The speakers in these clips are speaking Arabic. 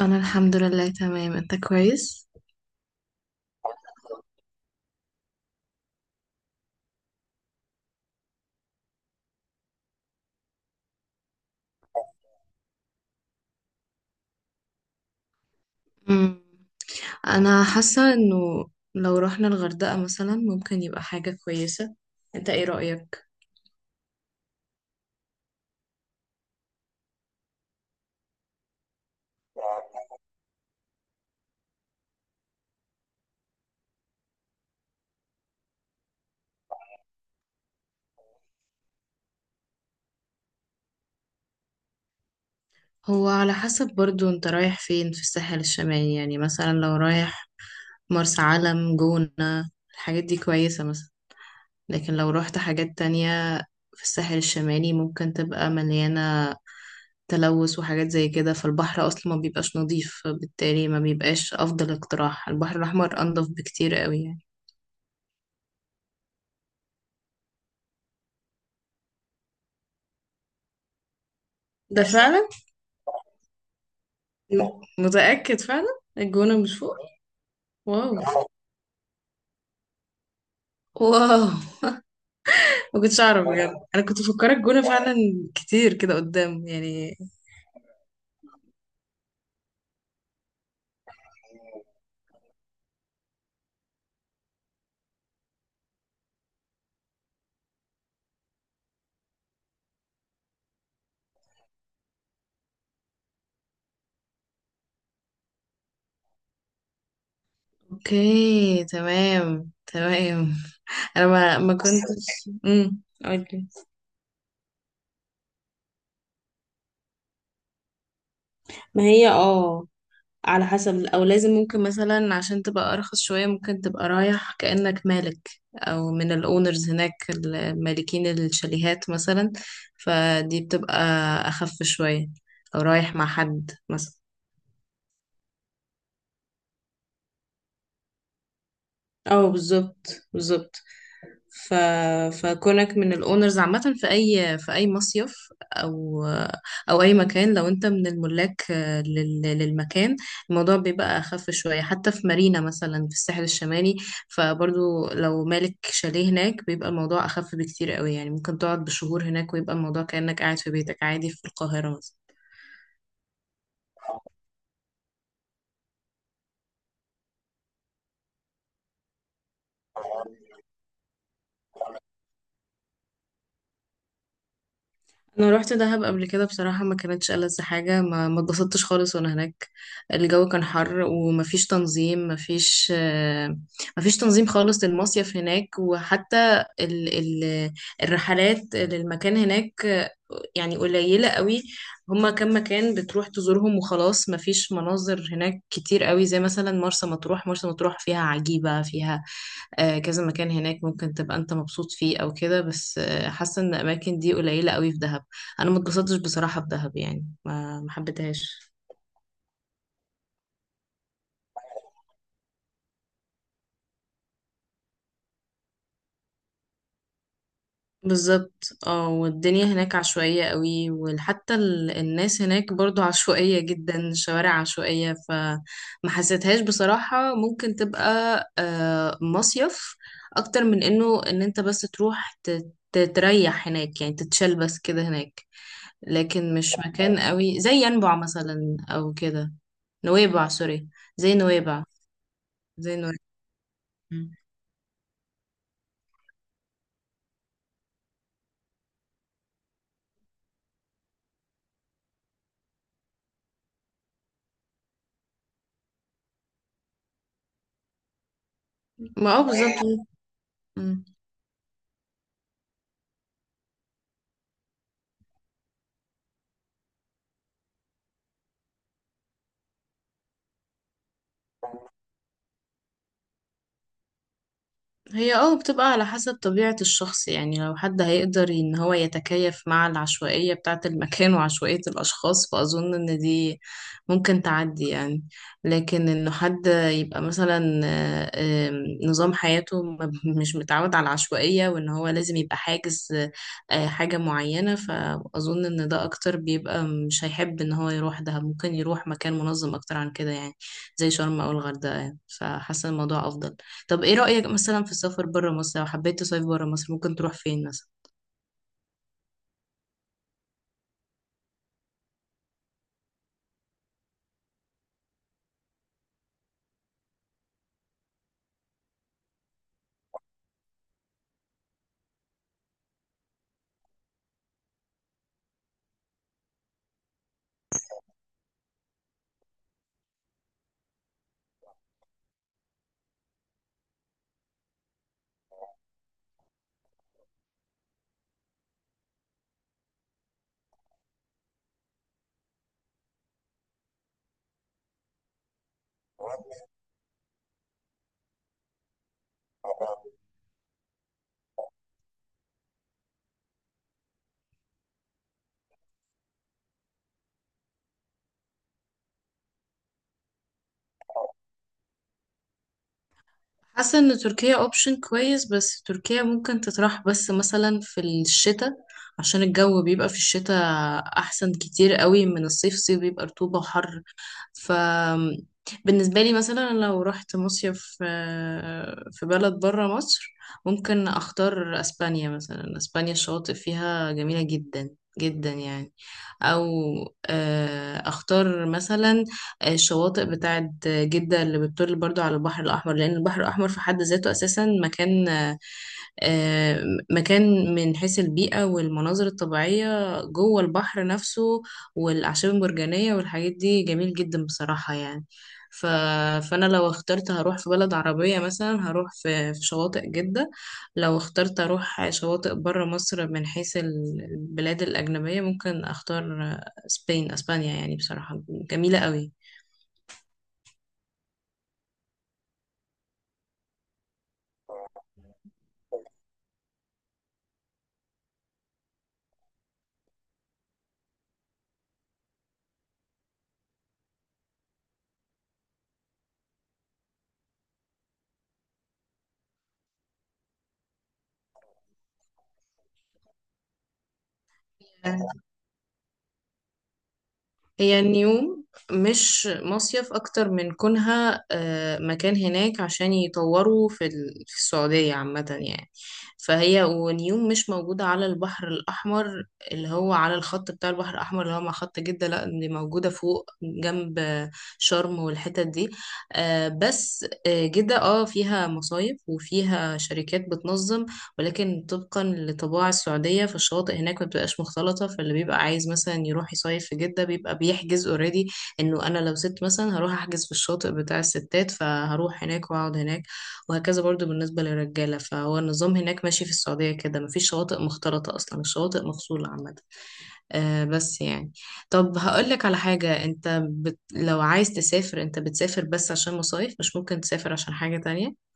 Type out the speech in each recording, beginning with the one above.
انا الحمد لله تمام. انت كويس؟ مم. انا حاسه انه لو رحنا الغردقه مثلا ممكن يبقى حاجه كويسه. انت ايه رايك؟ هو على حسب، برضو انت رايح فين في الساحل الشمالي، يعني مثلا لو رايح مرسى علم، جونة، الحاجات دي كويسه مثلا. لكن لو رحت حاجات تانية في الساحل الشمالي ممكن تبقى مليانه تلوث وحاجات زي كده، فالبحر اصلا ما بيبقاش نظيف، بالتالي ما بيبقاش افضل اقتراح. البحر الاحمر انضف بكتير قوي يعني. ده فعلا. لا، متأكد فعلا، الجونة مش فوق؟ واو، واو، ما كنتش اعرف بجد، انا كنت مفكره الجونة فعلا كتير كده قدام يعني. اوكي، تمام تمام. انا ما كنتش قولي. ما هي اه، على حسب، او لازم ممكن مثلا عشان تبقى ارخص شوية، ممكن تبقى رايح كأنك مالك او من الاونرز هناك، المالكين الشاليهات مثلا، فدي بتبقى اخف شوية، او رايح مع حد مثلا. اه، بالظبط بالظبط. ف... فكونك من الاونرز عامة في اي مصيف، او او اي مكان، لو انت من الملاك للمكان، الموضوع بيبقى اخف شوية. حتى في مارينا مثلا في الساحل الشمالي، فبرضو لو مالك شاليه هناك بيبقى الموضوع اخف بكتير قوي، يعني ممكن تقعد بشهور هناك ويبقى الموضوع كأنك قاعد في بيتك عادي في القاهرة مثلا. انا روحت دهب قبل كده، بصراحه ما كانتش ألذ حاجه، ما اتبسطتش خالص وانا هناك. الجو كان حر ومفيش تنظيم، مفيش تنظيم خالص للمصيف هناك. وحتى ال الرحلات للمكان هناك يعني قليله قوي، هما كم مكان بتروح تزورهم وخلاص، مفيش مناظر هناك كتير قوي. زي مثلا مرسى مطروح، مرسى مطروح فيها عجيبه، فيها كذا مكان هناك ممكن تبقى انت مبسوط فيه او كده، بس حاسه ان الاماكن دي قليله قوي في دهب. انا ما اتبسطتش بصراحه في دهب، يعني ما حبيتهاش. بالظبط اه، والدنيا هناك عشوائيه قوي، وحتى الناس هناك برضو عشوائيه جدا، الشوارع عشوائيه، فما حسيتهاش بصراحه. ممكن تبقى مصيف اكتر من ان انت بس تروح تريح هناك يعني، تتشال بس كده هناك. لكن مش مكان قوي زي ينبع مثلا او كده. نويبع، سوري، زي نويبع، زي نويبع. مم. ما اه، بالظبط. مم. هي اه، بتبقى على حسب طبيعة الشخص، يعني لو حد هيقدر ان هو يتكيف مع العشوائية بتاعة المكان وعشوائية الاشخاص، فاظن ان دي ممكن تعدي يعني. لكن انه حد يبقى مثلا نظام حياته مش متعود على العشوائية، وان هو لازم يبقى حاجز حاجة معينة، فاظن ان ده اكتر بيبقى مش هيحب ان هو يروح. ده ممكن يروح مكان منظم اكتر عن كده، يعني زي شرم او الغردقة يعني. فحاسة الموضوع افضل. طب ايه رأيك مثلا في السفر برا مصر؟ لو حبيت تصيف برا مصر ممكن تروح فين مثلا؟ حاسة ان تركيا اوبشن كويس، بس تركيا ممكن تطرح بس مثلا في الشتاء، عشان الجو بيبقى في الشتاء احسن كتير قوي من الصيف. الصيف بيبقى رطوبة وحر. ف بالنسبة لي مثلا لو رحت مصيف في بلد برا مصر، ممكن اختار اسبانيا مثلا. اسبانيا الشواطئ فيها جميلة جدا جدا يعني. او اختار مثلا الشواطئ بتاعت جدة اللي بتطل برضو على البحر الأحمر، لأن البحر الأحمر في حد ذاته أساسا مكان، آه، مكان من حيث البيئة والمناظر الطبيعية جوه البحر نفسه، والأعشاب المرجانية والحاجات دي جميل جدا بصراحة يعني. ف... فأنا لو اخترت هروح في بلد عربية مثلا هروح في شواطئ جدة. لو اخترت أروح شواطئ برا مصر من حيث البلاد الأجنبية، ممكن أختار أسبانيا يعني، بصراحة جميلة قوي. هي نيوم مش مصيف، أكتر من كونها مكان هناك عشان يطوروا في في السعودية عامة يعني. فهي ونيوم مش موجودة على البحر الأحمر اللي هو على الخط بتاع البحر الأحمر اللي هو مع خط جدة، لأ دي موجودة فوق جنب شرم والحتت دي. بس جدة اه فيها مصايف وفيها شركات بتنظم، ولكن طبقا لطباع السعودية فالشواطئ هناك ما بتبقاش مختلطة. فاللي بيبقى عايز مثلا يروح يصيف في جدة بيبقى بيحجز اوريدي انه انا لو ست مثلا هروح احجز في الشاطئ بتاع الستات فهروح هناك واقعد هناك، وهكذا برضو بالنسبة للرجالة. فهو النظام هناك ماشي في السعودية كده، مفيش شواطئ مختلطة اصلا، الشواطئ مفصولة عامة. آه، بس يعني. طب هقولك على حاجة، انت لو عايز تسافر انت بتسافر بس عشان مصايف؟ مش ممكن تسافر عشان حاجة تانية؟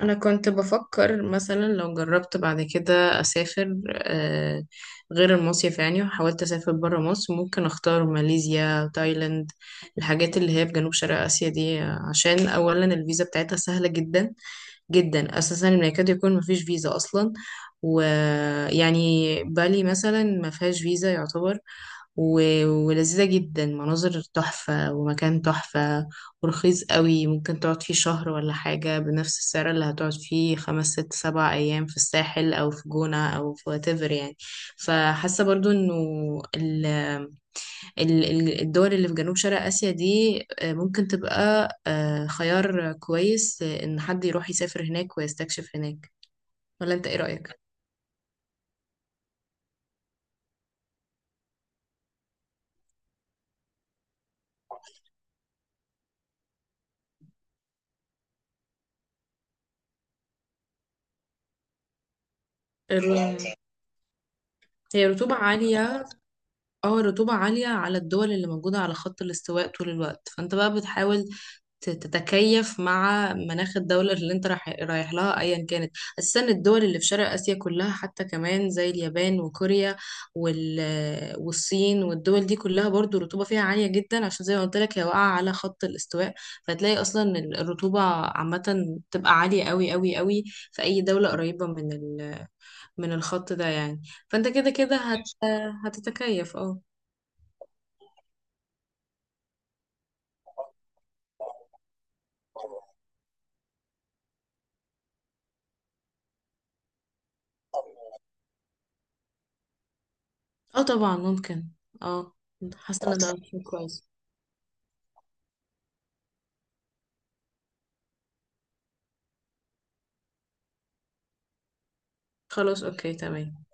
انا كنت بفكر مثلا لو جربت بعد كده اسافر غير المصيف يعني، وحاولت اسافر برا مصر، ممكن اختار ماليزيا، تايلاند، الحاجات اللي هي في جنوب شرق اسيا دي عشان اولا الفيزا بتاعتها سهله جدا جدا، اساسا إن يكاد يكون مفيش فيزا اصلا. ويعني بالي مثلا ما فيهاش فيزا يعتبر. ولذيذة جدا، مناظر تحفة ومكان تحفة، ورخيص قوي، ممكن تقعد فيه شهر ولا حاجة بنفس السعر اللي هتقعد فيه 5 6 7 أيام في الساحل أو في جونة أو في واتيفر يعني. فحاسة برضو إنه ال- الدول اللي في جنوب شرق آسيا دي ممكن تبقى خيار كويس، إن حد يروح يسافر هناك ويستكشف هناك. ولا أنت إيه رأيك؟ الر- هي رطوبة عالية. اه، الرطوبة عالية على الدول اللي موجودة على خط الاستواء طول الوقت. فانت بقى بتحاول تتكيف مع مناخ الدولة اللي انت رايح لها ايا كانت. اساسا الدول اللي في شرق اسيا كلها، حتى كمان زي اليابان وكوريا وال... والصين، والدول دي كلها برضو الرطوبة فيها عالية جدا، عشان زي ما قلت لك هي واقعة على خط الاستواء. فتلاقي اصلا الرطوبة عامة تبقى عالية قوي قوي قوي في اي دولة قريبة من من الخط ده يعني. فانت كده كده هتتكيف اه. اه، طبعا ممكن، اه. حاسه ان ده خلاص اوبشن كويس. خلاص، اوكي تمام.